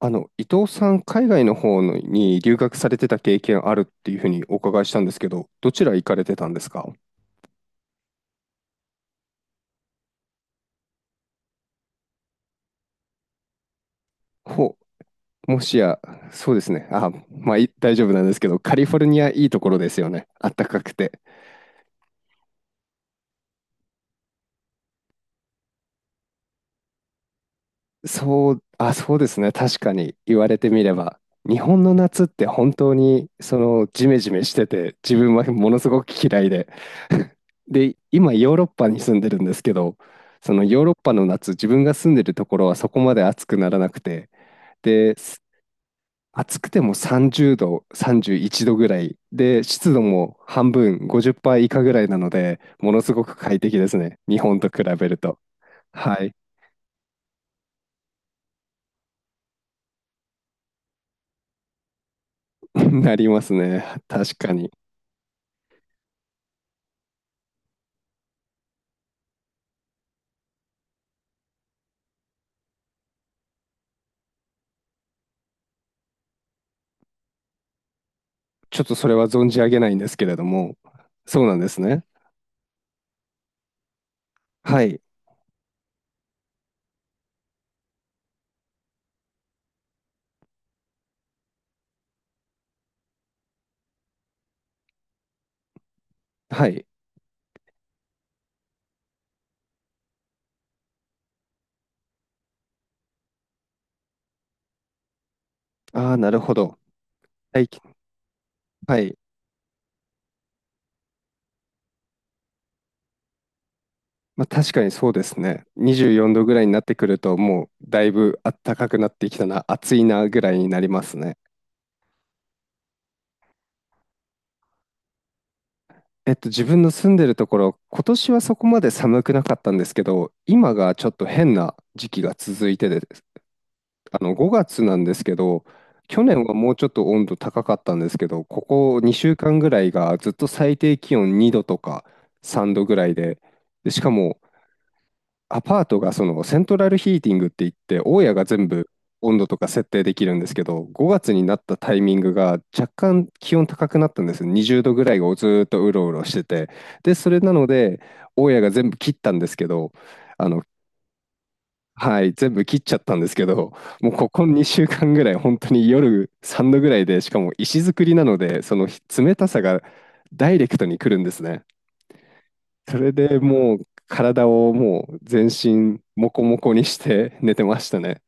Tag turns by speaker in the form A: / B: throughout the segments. A: あの、伊藤さん、海外の方のに留学されてた経験あるっていうふうにお伺いしたんですけど、どちら行かれてたんですか？ほ、もしや、そうですね。あ、まあ、い大丈夫なんですけど、カリフォルニアいいところですよね。あったかくて。そう、あ、そうですね。確かに言われてみれば、日本の夏って本当にそのジメジメしてて、自分はものすごく嫌いで。で、今ヨーロッパに住んでるんですけど、そのヨーロッパの夏、自分が住んでるところはそこまで暑くならなくて、で、す暑くても30度、31度ぐらいで、湿度も半分、50%以下ぐらいなので、ものすごく快適ですね。日本と比べると。はい。なりますね。確かに。ちょっとそれは存じ上げないんですけれども、そうなんですね。はい。はい。ああ、なるほど。はい。はい。まあ、確かにそうですね。24度ぐらいになってくると、もうだいぶ暖かくなってきたな、暑いなぐらいになりますね。えっと、自分の住んでるところ、今年はそこまで寒くなかったんですけど、今がちょっと変な時期が続いてで、あの、5月なんですけど、去年はもうちょっと温度高かったんですけど、ここ2週間ぐらいがずっと最低気温2度とか3度ぐらいで、でしかもアパートがそのセントラルヒーティングって言って、大家が全部温度とか設定できるんですけど、5月になったタイミングが若干気温高くなったんです。20度ぐらいをずっとうろうろしてて。で、それなので、大家が全部切ったんですけど、あの、はい、全部切っちゃったんですけど、もうここ2週間ぐらい、本当に夜3度ぐらいで、しかも石造りなので、その冷たさがダイレクトに来るんですね。それでもう体をもう全身モコモコにして寝てましたね。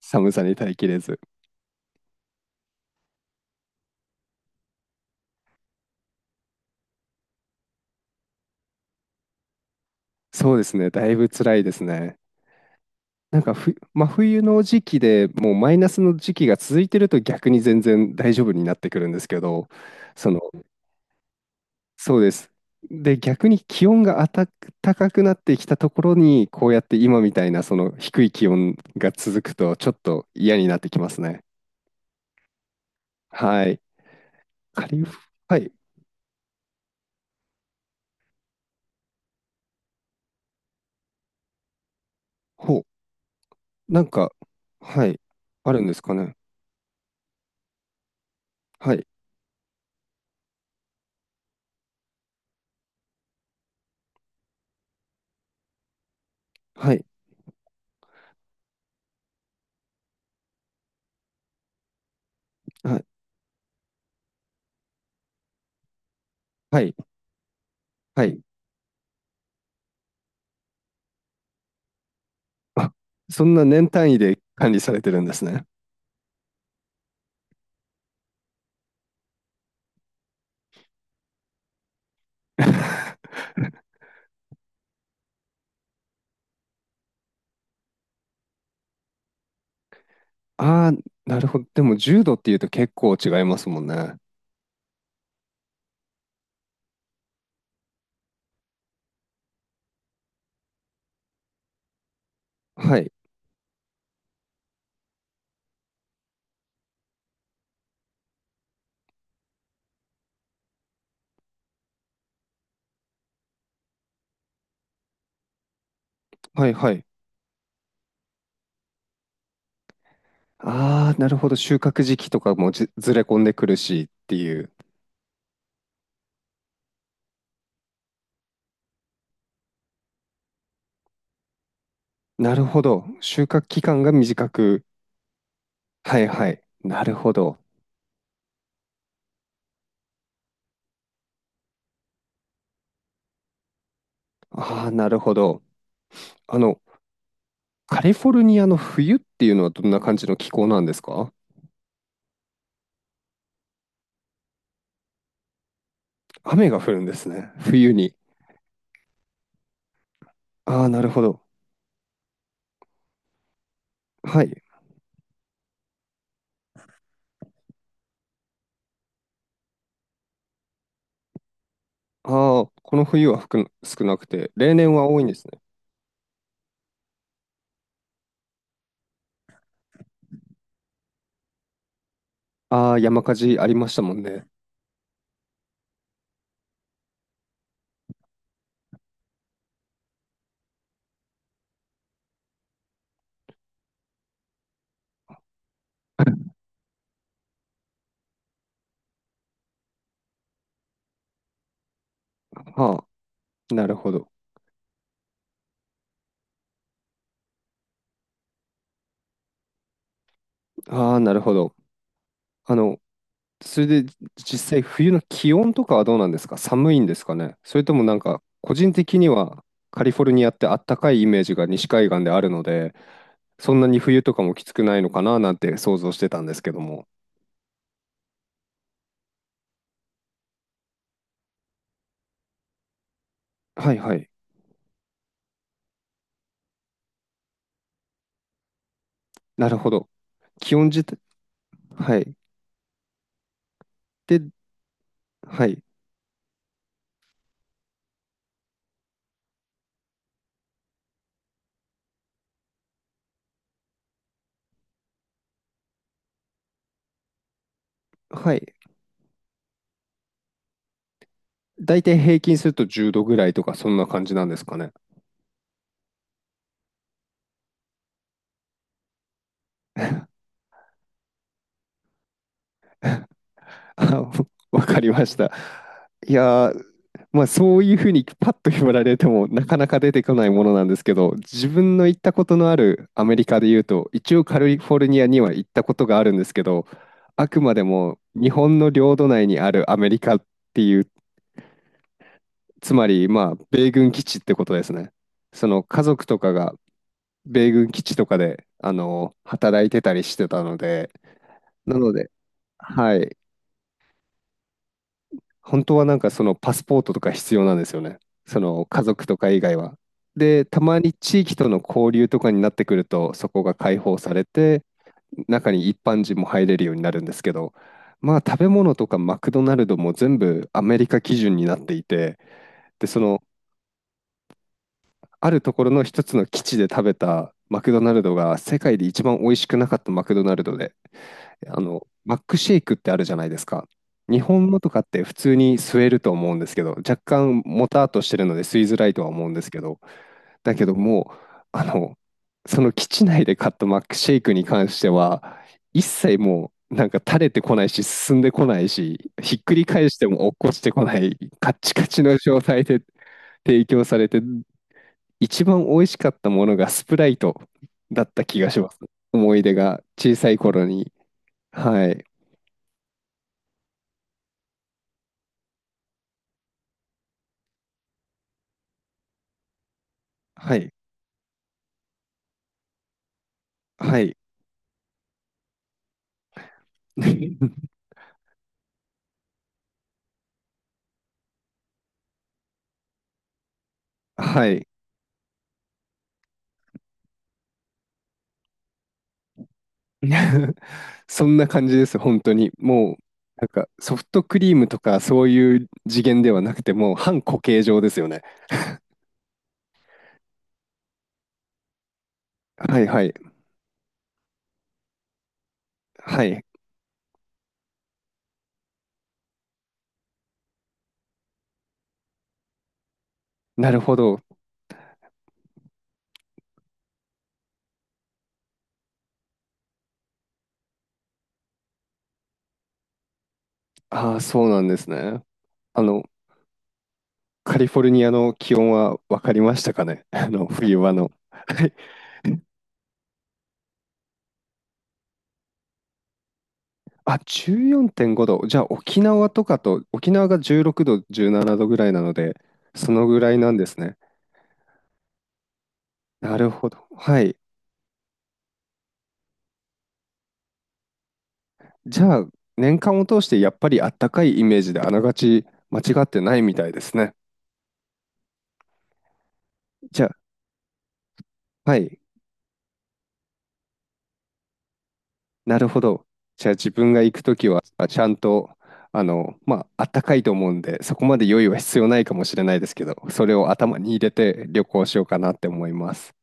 A: 寒さに耐えきれず。そうですね、だいぶ辛いですね。なんか真冬の時期でもうマイナスの時期が続いてると逆に全然大丈夫になってくるんですけど、そのそうです。で、逆に気温が高くなってきたところに、こうやって今みたいなその低い気温が続くと、ちょっと嫌になってきますね。はい。カリフ、はい。ほう。なんか、はい。あるんですかね。はい。はい。はい。はい。はい。あ、そんな年単位で管理されてるんですね。ああ、なるほど。でも、10度っていうと結構違いますもんね。はい。はい。はい。ああ、なるほど。収穫時期とかもずれ込んでくるしっていう。なるほど。収穫期間が短く。はいはい。なるほど。ああ、なるほど。あの、カリフォルニアの冬っていうのはどんな感じの気候なんですか？雨が降るんですね。冬に。ああ、なるほど。はい。ああ、この冬は少なくて、例年は多いんですね。ああ、山火事ありましたもんね。ああ、なるほど。ああ、なるほど。あの、それで実際冬の気温とかはどうなんですか？寒いんですかね？それともなんか個人的には、カリフォルニアってあったかいイメージが西海岸であるので、そんなに冬とかもきつくないのかななんて想像してたんですけども。はいはい、なるほど。気温自体、はい、で、はいはい、大体平均すると10度ぐらいとかそんな感じなんですかね？ あ、わかりました。いやー、まあそういうふうにパッと言われてもなかなか出てこないものなんですけど、自分の行ったことのあるアメリカで言うと、一応カリフォルニアには行ったことがあるんですけど、あくまでも日本の領土内にあるアメリカっていう、つまりまあ米軍基地ってことですね。その家族とかが米軍基地とかであの働いてたりしてたので、なので、はい。本当はなんかそのパスポートとか必要なんですよね。その家族とか以外は。で、たまに地域との交流とかになってくると、そこが開放されて、中に一般人も入れるようになるんですけど、まあ食べ物とかマクドナルドも全部アメリカ基準になっていて、で、そのあるところの一つの基地で食べたマクドナルドが世界で一番美味しくなかったマクドナルドで、あの、マックシェイクってあるじゃないですか。日本のとかって普通に吸えると思うんですけど、若干もたっとしてるので吸いづらいとは思うんですけど、だけどもう、あの、その基地内で買ったマックシェイクに関しては、一切もう、なんか垂れてこないし、進んでこないし、ひっくり返しても落っこちてこない、カッチカチの状態で提供されて、一番美味しかったものがスプライトだった気がします。思い出が小さい頃に。はい。はい。はい。はい。そんな感じです、本当に。もう、なんか、ソフトクリームとか、そういう次元ではなくて、もう、半固形状ですよね。はいはい。はい。なるほど。ああ、そうなんですね。あの、カリフォルニアの気温は分かりましたかね。あの、冬場の。はい。あ、14.5度。じゃあ、沖縄とかと、沖縄が16度、17度ぐらいなので、そのぐらいなんですね。なるほど。はい。じゃあ、年間を通してやっぱりあったかいイメージであながち間違ってないみたいですね。じゃあ、はい、なるほど。じゃあ自分が行くときは、あ、ちゃんと、あの、まあ、あったかいと思うんで、そこまで用意は必要ないかもしれないですけど、それを頭に入れて旅行しようかなって思います。